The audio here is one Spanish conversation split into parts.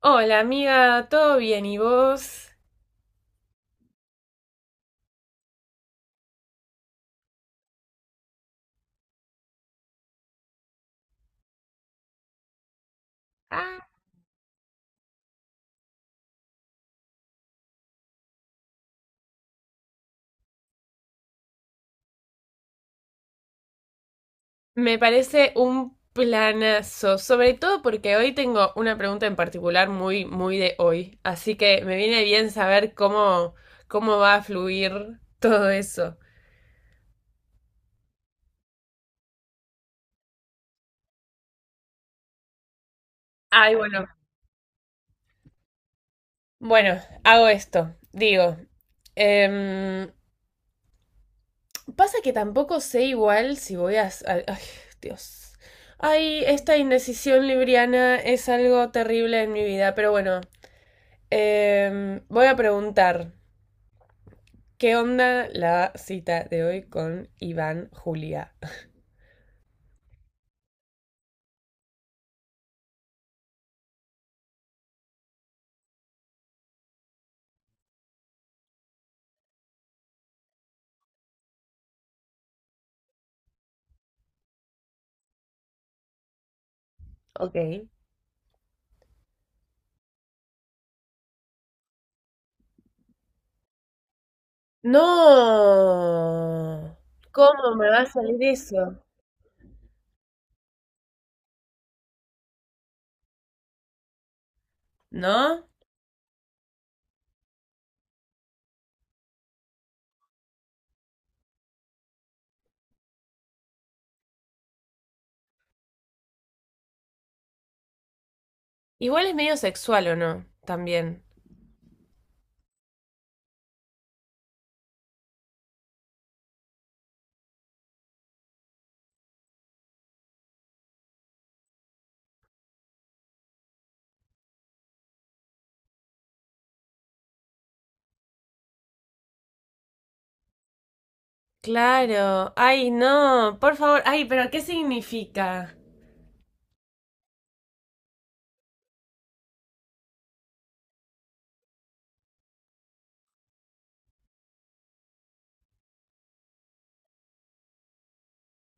Hola amiga, ¿todo bien? ¿Y vos? Ah. Me parece un planazo, sobre todo porque hoy tengo una pregunta en particular muy, muy de hoy, así que me viene bien saber cómo, cómo va a fluir todo eso. Ay, bueno, bueno, hago esto, digo, em, pasa que tampoco sé igual si voy a... s- al- Ay, Dios. Ay, esta indecisión libriana es algo terrible en mi vida, pero bueno, Em, voy a preguntar, ¿qué onda la cita de hoy con Iván Julia? Ok. No, ¿cómo me va a salir eso? ¿No? Igual es medio sexual o no, también. Claro, ay, no, por favor, ay, pero ¿qué significa?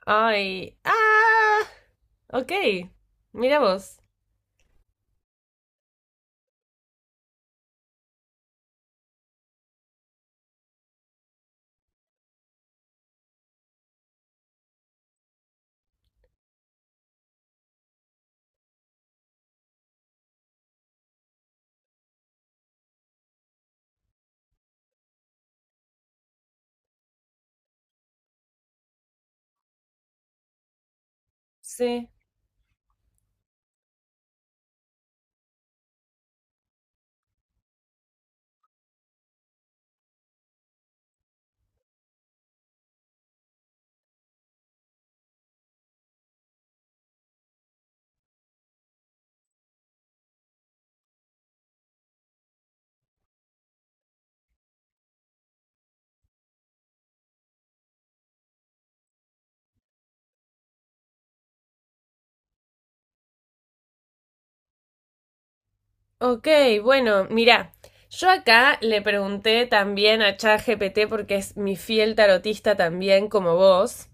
Ay, ah, ok, mira vos, sí. Ok, bueno, mira, yo acá le pregunté también a ChatGPT porque es mi fiel tarotista también como vos.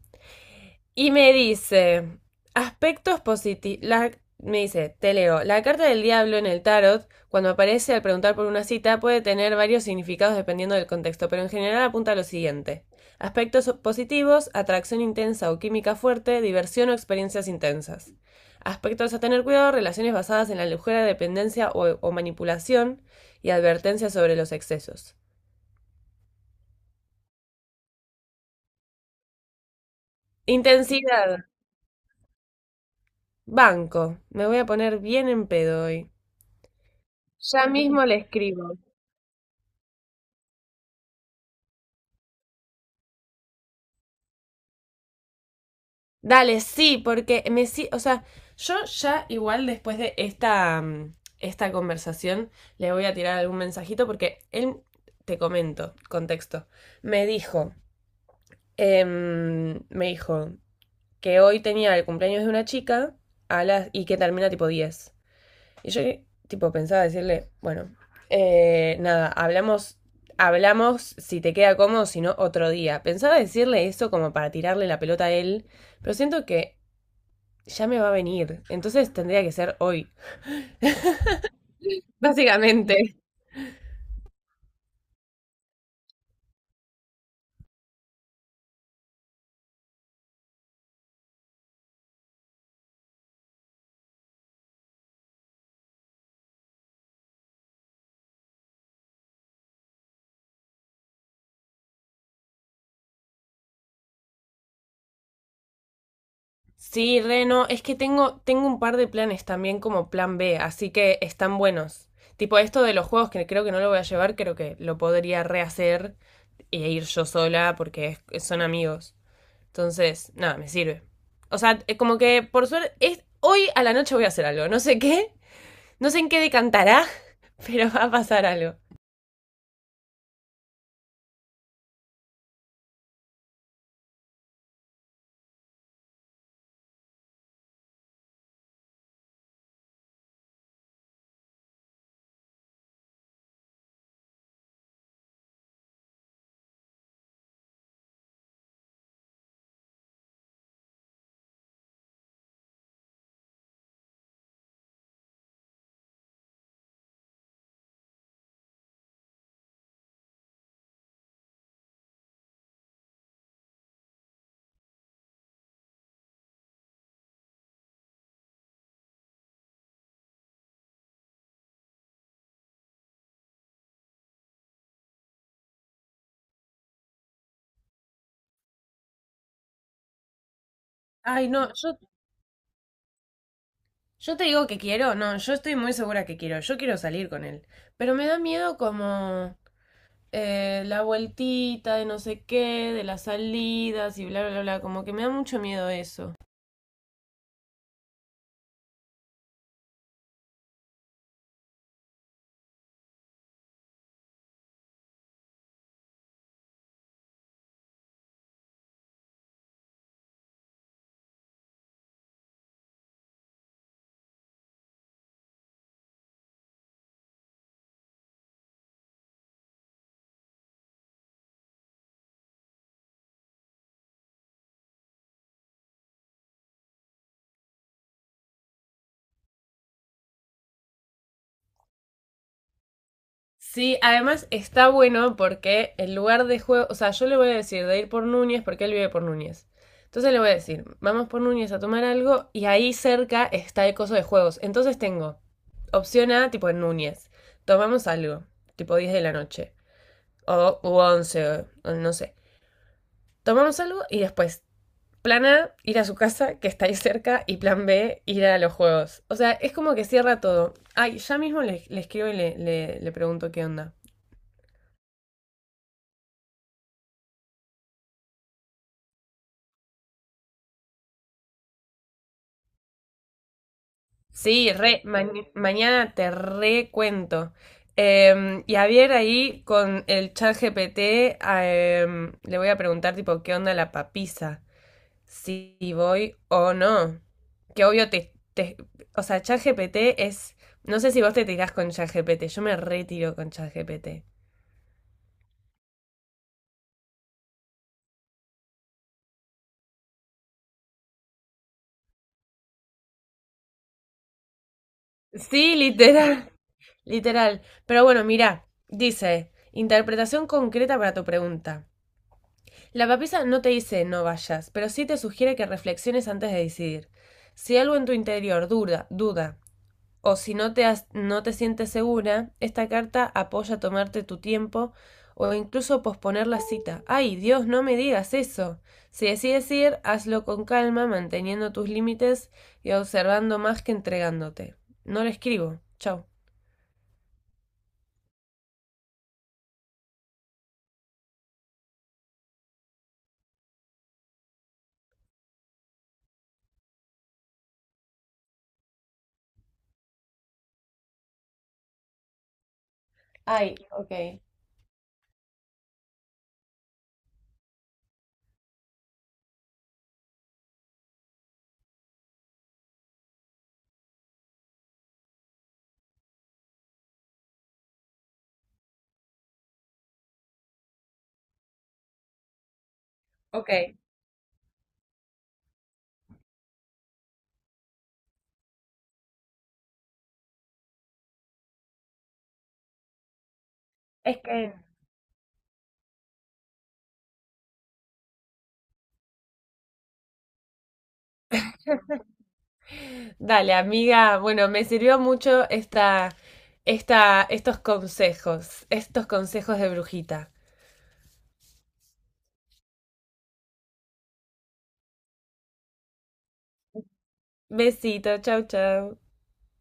Y me dice, aspectos positivos. Me dice, te leo, la carta del diablo en el tarot, cuando aparece al preguntar por una cita, puede tener varios significados dependiendo del contexto, pero en general apunta a lo siguiente. Aspectos positivos, atracción intensa o química fuerte, diversión o experiencias intensas. Aspectos a tener cuidado, relaciones basadas en la ligera dependencia o manipulación y advertencias sobre los excesos. Intensidad, banco. Me voy a poner bien en pedo hoy. Ya mismo le escribo. Dale, sí, porque me sí, o sea, yo ya igual después de esta, mm, esta conversación le voy a tirar algún mensajito porque él, te comento, contexto, me dijo, me dijo que hoy tenía el cumpleaños de una chica a las, y que termina tipo 10. Y yo, tipo, pensaba decirle, bueno, nada, hablamos, hablamos si te queda cómodo, si no, otro día. Pensaba decirle eso como para tirarle la pelota a él, pero siento que ya me va a venir, entonces tendría que ser hoy. Básicamente. Sí, Reno, es que tengo, tengo un par de planes también como plan B, así que están buenos. Tipo, esto de los juegos que creo que no lo voy a llevar, creo que lo podría rehacer e ir yo sola porque es- son amigos. Entonces, nada, me sirve. O sea, es como que por suerte, es, hoy a la noche voy a hacer algo. No sé qué, no sé en qué decantará, pero va a pasar algo. Ay, no, yo te digo que quiero, no, yo estoy muy segura que quiero, yo quiero salir con él. Pero me da miedo como la vueltita de no sé qué, de las salidas y bla, bla, bla, como que me da mucho miedo eso. Sí, además está bueno porque el lugar de juego, o sea, yo le voy a decir de ir por Núñez porque él vive por Núñez. Entonces le voy a decir, vamos por Núñez a tomar algo y ahí cerca está el coso de juegos. Entonces tengo opción A, tipo en Núñez, tomamos algo, tipo 10 de la noche, o, u 11, o no sé. Tomamos algo y después, plan A, ir a su casa que está ahí cerca y plan B, ir a los juegos. O sea, es como que cierra todo. Ay, ya mismo le escribo y le pregunto qué onda. Sí, re, ma- mañana te recuento. Em, y a ver ahí con el chat GPT, le voy a preguntar tipo qué onda la papisa, si voy o no. Que obvio o sea, chat GPT es, no sé si vos te tirás con chat GPT, yo me retiro con chat GPT. Sí, literal, literal. Pero bueno, mira, dice, interpretación concreta para tu pregunta. La papisa no te dice no vayas, pero sí te sugiere que reflexiones antes de decidir. Si algo en tu interior duda, duda, o si no te, has- no te sientes segura, esta carta apoya tomarte tu tiempo o incluso posponer la cita. Ay, Dios, no me digas eso. Si decides ir, hazlo con calma, manteniendo tus límites y observando más que entregándote. No le escribo. Chau. Ay, ok. Ok. Es que dale, amiga. Bueno, me sirvió mucho esta, esta, estos consejos de brujita. Besito, chau, chau.